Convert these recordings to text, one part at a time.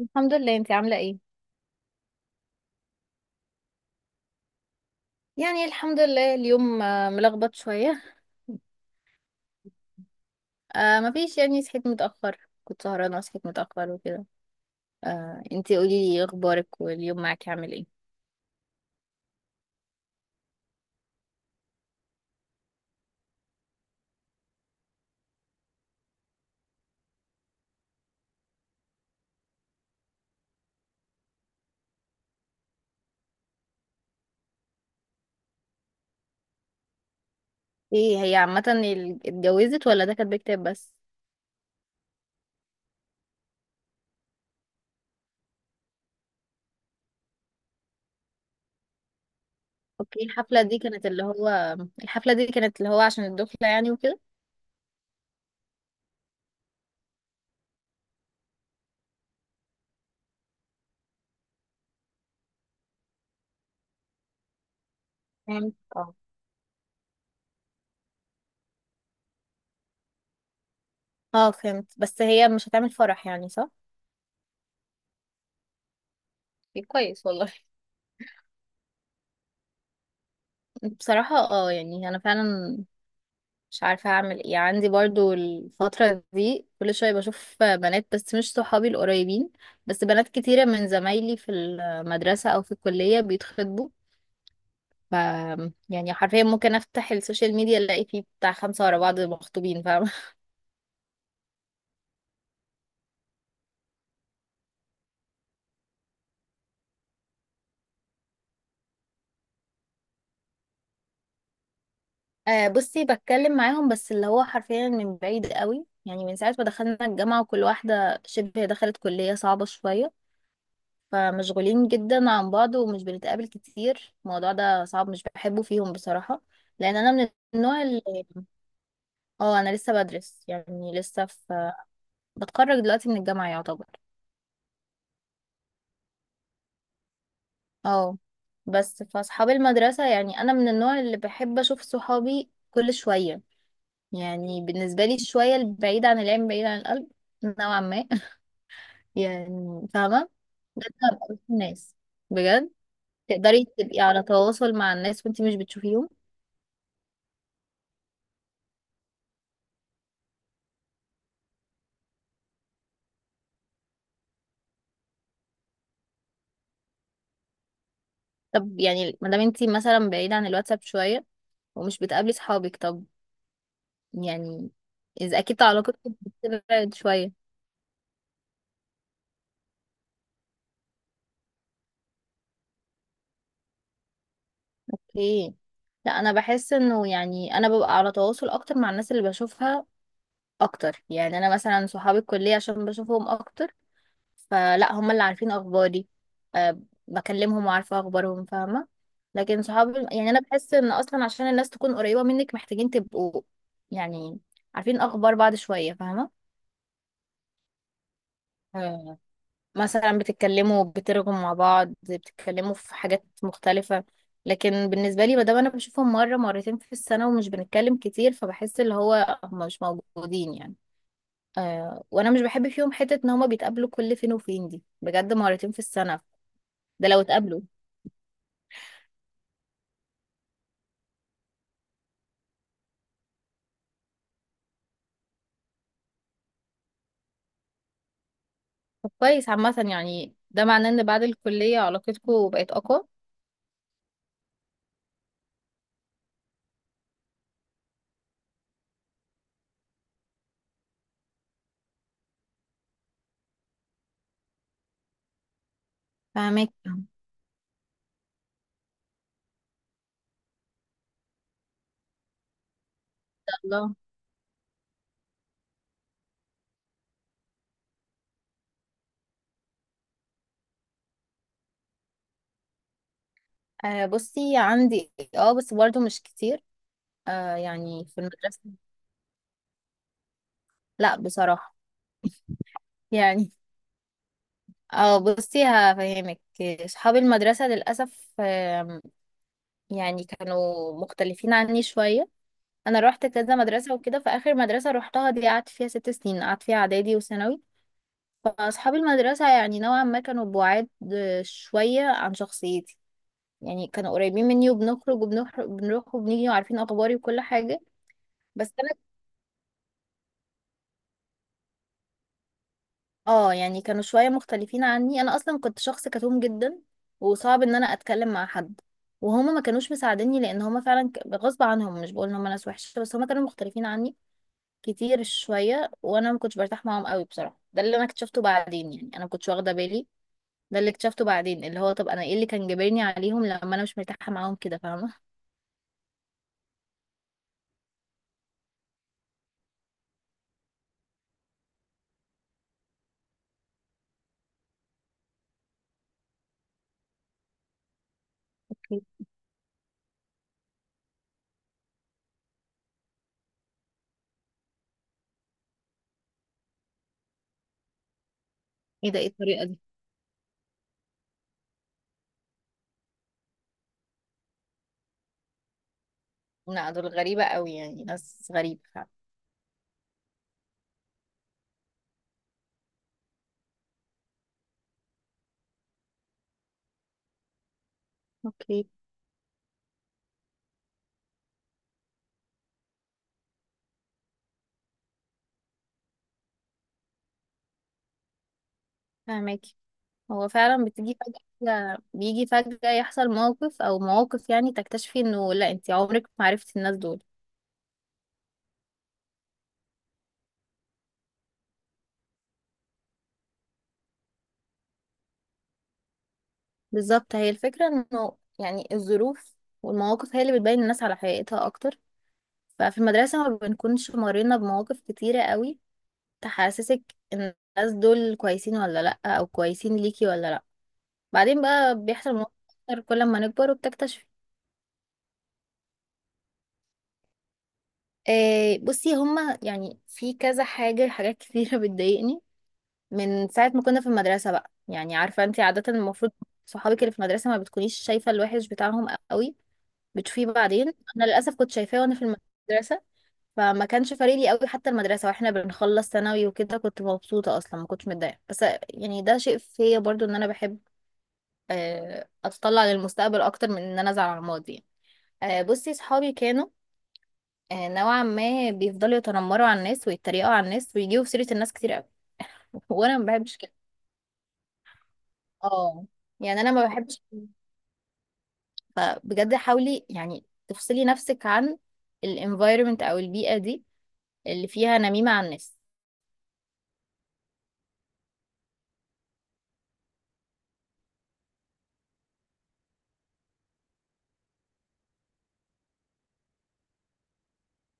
الحمد لله. انتي عاملة ايه؟ يعني الحمد لله اليوم ملخبط شوية. مفيش، يعني صحيت متأخر. كنت سهرانة وصحيت متأخر وكده. آه، انتي قولي لي اخبارك، واليوم معاكي عامل ايه؟ ايه هي عامة اتجوزت ولا ده كان بكتاب بس؟ اوكي، الحفلة دي كانت اللي هو عشان الدخلة يعني وكده. فهمت، اه. اه فهمت، بس هي مش هتعمل فرح يعني، صح؟ ايه، كويس والله. بصراحة اه، يعني انا فعلا مش عارفة أعمل إيه. عندي برضو الفترة دي كل شوية بشوف بنات، بس مش صحابي القريبين، بس بنات كتيرة من زمايلي في المدرسة أو في الكلية بيتخطبوا. ف يعني حرفيا ممكن أفتح السوشيال ميديا ألاقي فيه بتاع 5 ورا بعض مخطوبين، فاهمة. آه، بصي، بتكلم معاهم بس اللي هو حرفيا من بعيد قوي، يعني من ساعة ما دخلنا الجامعة وكل واحدة شبه دخلت كلية صعبة شوية. فمشغولين جدا عن بعض ومش بنتقابل كتير. الموضوع ده صعب، مش بحبه فيهم بصراحة. لأن أنا من النوع اللي اه، أنا لسه بدرس، يعني لسه في، بتخرج دلوقتي من الجامعة يعتبر. اه. بس فأصحاب المدرسة، يعني أنا من النوع اللي بحب أشوف صحابي كل شوية. يعني بالنسبة لي شوية البعيد عن العين بعيد عن القلب، نوعا ما. يعني فاهمة. لازم أبقى وسط الناس، بجد. تقدري تبقي على تواصل مع الناس وانتي مش بتشوفيهم. طب يعني ما دام انتي مثلا بعيدة عن الواتساب شوية ومش بتقابلي صحابك، طب يعني إذا أكيد علاقتك بتبعد شوية. اوكي. لا، أنا بحس إنه يعني أنا ببقى على تواصل أكتر مع الناس اللي بشوفها أكتر، يعني أنا مثلا صحابي الكلية عشان بشوفهم أكتر، فلا هم اللي عارفين أخباري. أه، بكلمهم وعارفة أخبارهم، فاهمة. لكن صحابي، يعني أنا بحس إن أصلا عشان الناس تكون قريبة منك محتاجين تبقوا يعني عارفين أخبار بعض شوية، فاهمة. مثلا بتتكلموا، بترغوا مع بعض، بتتكلموا في حاجات مختلفة. لكن بالنسبة لي، مادام أنا بشوفهم مرة مرتين في السنة ومش بنتكلم كتير، فبحس اللي هو هما مش موجودين يعني. آه، وأنا مش بحب فيهم حتة إن هما بيتقابلوا كل فين وفين دي، بجد مرتين في السنة، ده لو اتقابلوا. طب كويس عامة، يعني ده معناه إن بعد الكلية علاقتكم بقت أقوى. فاهمك. ان شاء الله. آه، بصي عندي إيه، اه بس برضو مش كتير. آه يعني في المدرسة. لا بصراحة. يعني اه، بصي هفهمك، اصحاب المدرسة للأسف يعني كانوا مختلفين عني شوية. انا رحت كذا مدرسة وكده، فآخر مدرسة روحتها دي قعدت فيها 6 سنين، قعدت فيها اعدادي وثانوي. فاصحاب المدرسة يعني نوعا ما كانوا بعاد، شوية عن شخصيتي. يعني كانوا قريبين مني وبنخرج وبنخرج، بنروح وبنيجي وعارفين اخباري وكل حاجة. بس اه، يعني كانوا شوية مختلفين عني. انا اصلا كنت شخص كتوم جدا، وصعب ان انا اتكلم مع حد. وهما ما كانوش مساعديني لان هما فعلا غصب عنهم. مش بقول ان هما ناس وحشة، بس هما كانوا مختلفين عني كتير شوية، وانا ما كنتش برتاح معاهم قوي بصراحة. ده اللي انا اكتشفته بعدين، يعني انا ما كنتش واخدة بالي. ده اللي اكتشفته بعدين، اللي هو طب انا ايه اللي كان جابرني عليهم لما انا مش مرتاحة معاهم كده، فاهمة. اوكي. ايه ده، ايه الطريقة دي؟ لا دول غريبة قوي، يعني ناس غريبة فعلا. اوكي. فاهمك. هو فعلا بتيجي فجأة، بيجي فجأة يحصل موقف او مواقف يعني تكتشفي انه لا، انت عمرك ما عرفتي الناس دول. بالظبط، هي الفكرة انه يعني الظروف والمواقف هي اللي بتبين الناس على حقيقتها اكتر. ففي المدرسة ما بنكونش مرينا بمواقف كتيرة قوي تحسسك ان الناس دول كويسين ولا لا، او كويسين ليكي ولا لا. بعدين بقى بيحصل مواقف اكتر كل ما نكبر، وبتكتشفي. آه، بصي هما يعني في كذا حاجة، حاجات كتيرة بتضايقني من ساعة ما كنا في المدرسة بقى. يعني عارفة انت عادة المفروض صحابك اللي في المدرسة ما بتكونيش شايفة الوحش بتاعهم قوي، بتشوفيه بعدين. انا للأسف كنت شايفاه وانا في المدرسة، فما كانش فارق لي قوي. حتى المدرسة واحنا بنخلص ثانوي وكده، كنت مبسوطة اصلا، ما كنتش متضايقة. بس يعني ده شيء فيا برضو ان انا بحب اتطلع للمستقبل اكتر من ان انا ازعل على الماضي. بصي صحابي كانوا نوعا ما بيفضلوا يتنمروا على الناس ويتريقوا على الناس ويجيبوا في سيرة الناس كتير قوي. وانا ما بحبش كده. اه يعني انا ما بحبش. فبجد حاولي يعني تفصلي نفسك عن الانفايرمنت او البيئة دي اللي فيها نميمة عن النفس.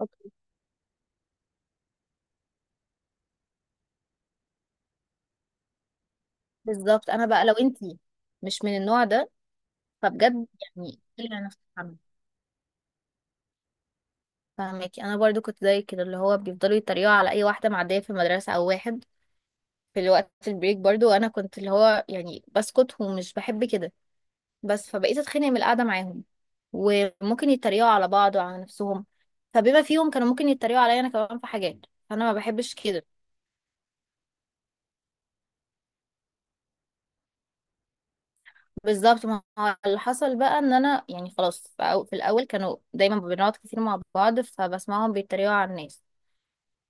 اوكي. بالظبط. انا بقى لو انتي مش من النوع ده، فبجد يعني اشيلي عن نفسك عنه. فاهمك. انا برضو كنت زي كده، اللي هو بيفضلوا يتريقوا على اي واحده معديه في المدرسه او واحد في الوقت البريك برضو، وانا كنت اللي هو يعني بسكت، ومش بحب كده. بس فبقيت اتخانق من القعده معاهم. وممكن يتريقوا على بعض وعلى نفسهم، فبما فيهم كانوا ممكن يتريقوا عليا انا كمان في حاجات، فانا ما بحبش كده. بالظبط. ما هو اللي حصل بقى ان انا يعني خلاص في في الاول كانوا دايما بنقعد كتير مع بعض فبسمعهم بيتريقوا على الناس.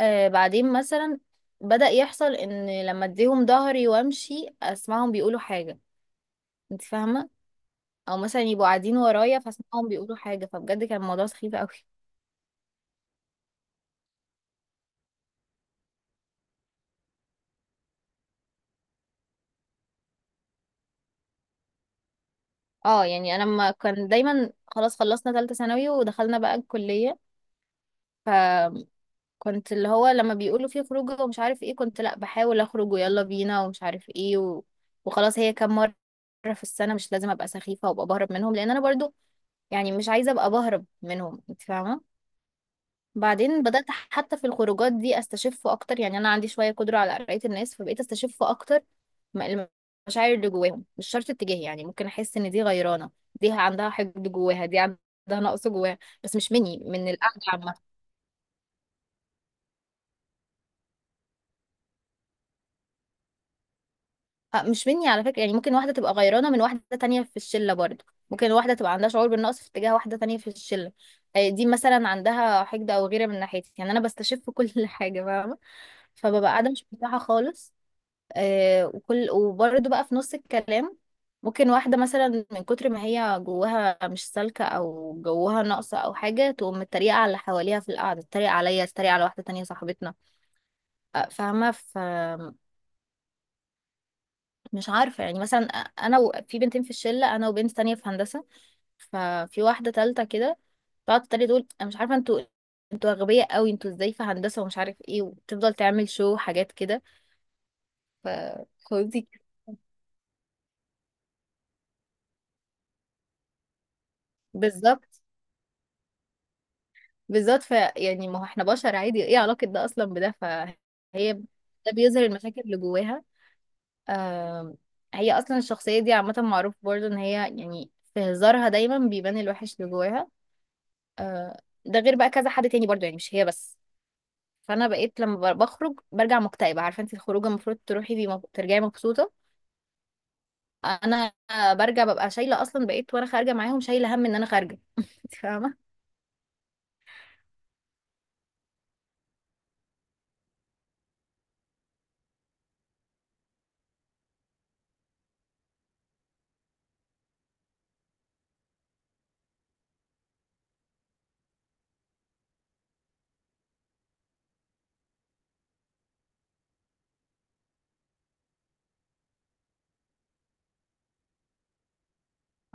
آه، بعدين مثلا بدأ يحصل ان لما اديهم ظهري وامشي اسمعهم بيقولوا حاجة، انت فاهمة، او مثلا يبقوا قاعدين ورايا فاسمعهم بيقولوا حاجة. فبجد كان الموضوع سخيف قوي. اه يعني انا ما كان دايما. خلاص خلصنا ثالثة ثانوي ودخلنا بقى الكلية. ف كنت اللي هو لما بيقولوا فيه خروجه ومش عارف ايه، كنت لا بحاول اخرج ويلا بينا ومش عارف ايه وخلاص، هي كام مرة في السنة؟ مش لازم ابقى سخيفة وابقى بهرب منهم، لان انا برضو يعني مش عايزة ابقى بهرب منهم، انت فاهمة. بعدين بدأت حتى في الخروجات دي استشف اكتر، يعني انا عندي شوية قدرة على قراية الناس، فبقيت استشف اكتر المشاعر اللي جواهم مش شرط اتجاهي. يعني ممكن احس ان دي غيرانة، دي عندها حقد جواها، دي عندها نقص جواها، بس مش مني من القعدة. مش مني على فكرة. يعني ممكن واحدة تبقى غيرانة من واحدة تانية في الشلة برضه، ممكن واحدة تبقى عندها شعور بالنقص في اتجاه واحدة تانية في الشلة. دي مثلا عندها حقد أو غيرة من ناحيتي. يعني أنا بستشف كل حاجة، فاهمة. فببقى قاعدة مش مرتاحة خالص. وكل وبرضه بقى في نص الكلام ممكن واحدة مثلا من كتر ما هي جواها مش سالكة أو جواها ناقصة أو حاجة تقوم متريقة على اللي حواليها في القعدة، تتريق عليا، تتريق على واحدة تانية صاحبتنا. فاهمة. مش عارفة. يعني مثلا أنا في بنتين في الشلة، أنا وبنت تانية في هندسة، ففي واحدة تالتة كده تقعد تتريق تقول أنا مش عارفة انتوا، انتوا أغبياء قوي، انتوا ازاي في هندسة ومش عارف ايه، وتفضل تعمل شو حاجات كده. ف خدي. بالظبط، بالظبط. يعني ما هو احنا بشر عادي، ايه علاقة ده أصلا بده. فهي ده بيظهر المشاكل اللي جواها. آم، هي أصلا الشخصية دي عامة معروف برضه إن هي يعني في هزارها دايما بيبان الوحش اللي جواها. ده غير بقى كذا حد تاني برضه، يعني مش هي بس. فانا بقيت لما بخرج برجع مكتئبه. عارفه انت الخروجه المفروض تروحي بيه ترجعي مبسوطه. انا برجع ببقى شايله، اصلا بقيت وانا خارجه معاهم شايله هم ان انا خارجه انت فاهمه.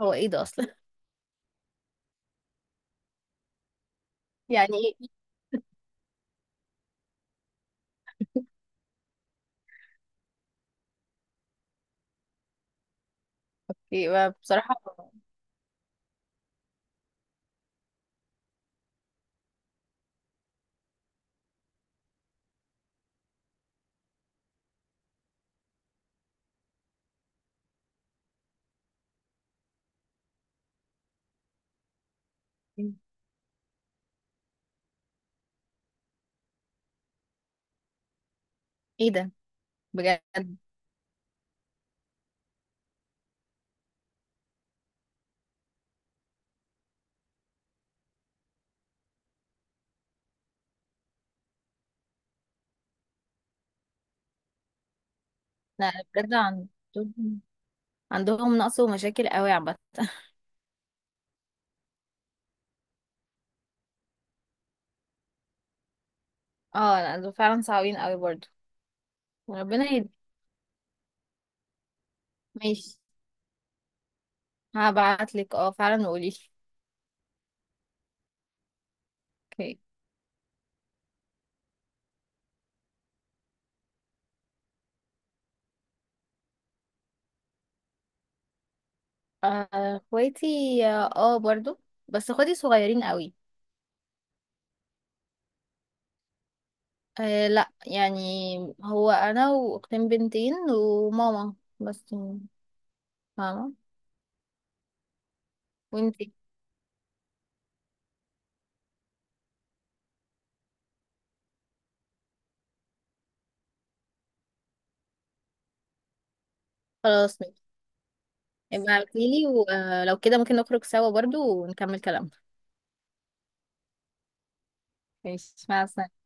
هو ايه ده اصلا؟ يعني ايه. يبقى بصراحه ايه ده بجد. لا بجد عندهم، عندهم نقص ومشاكل قوي عامه اه لا، دول فعلا صعبين قوي برضو. ربنا يهدي. ماشي. هبعتلك اه فعلا، وقوليلي. اوكي. اخواتي، اه برضو. بس اخواتي صغيرين قوي. آه لا، يعني هو انا واختين بنتين وماما. بس يعني، فاهمة. وانتي. خلاص، ماشي. ابقى ابعتيلي، ولو كده ممكن نخرج سوا برضو ونكمل كلامنا. ماشي، مع السلامة.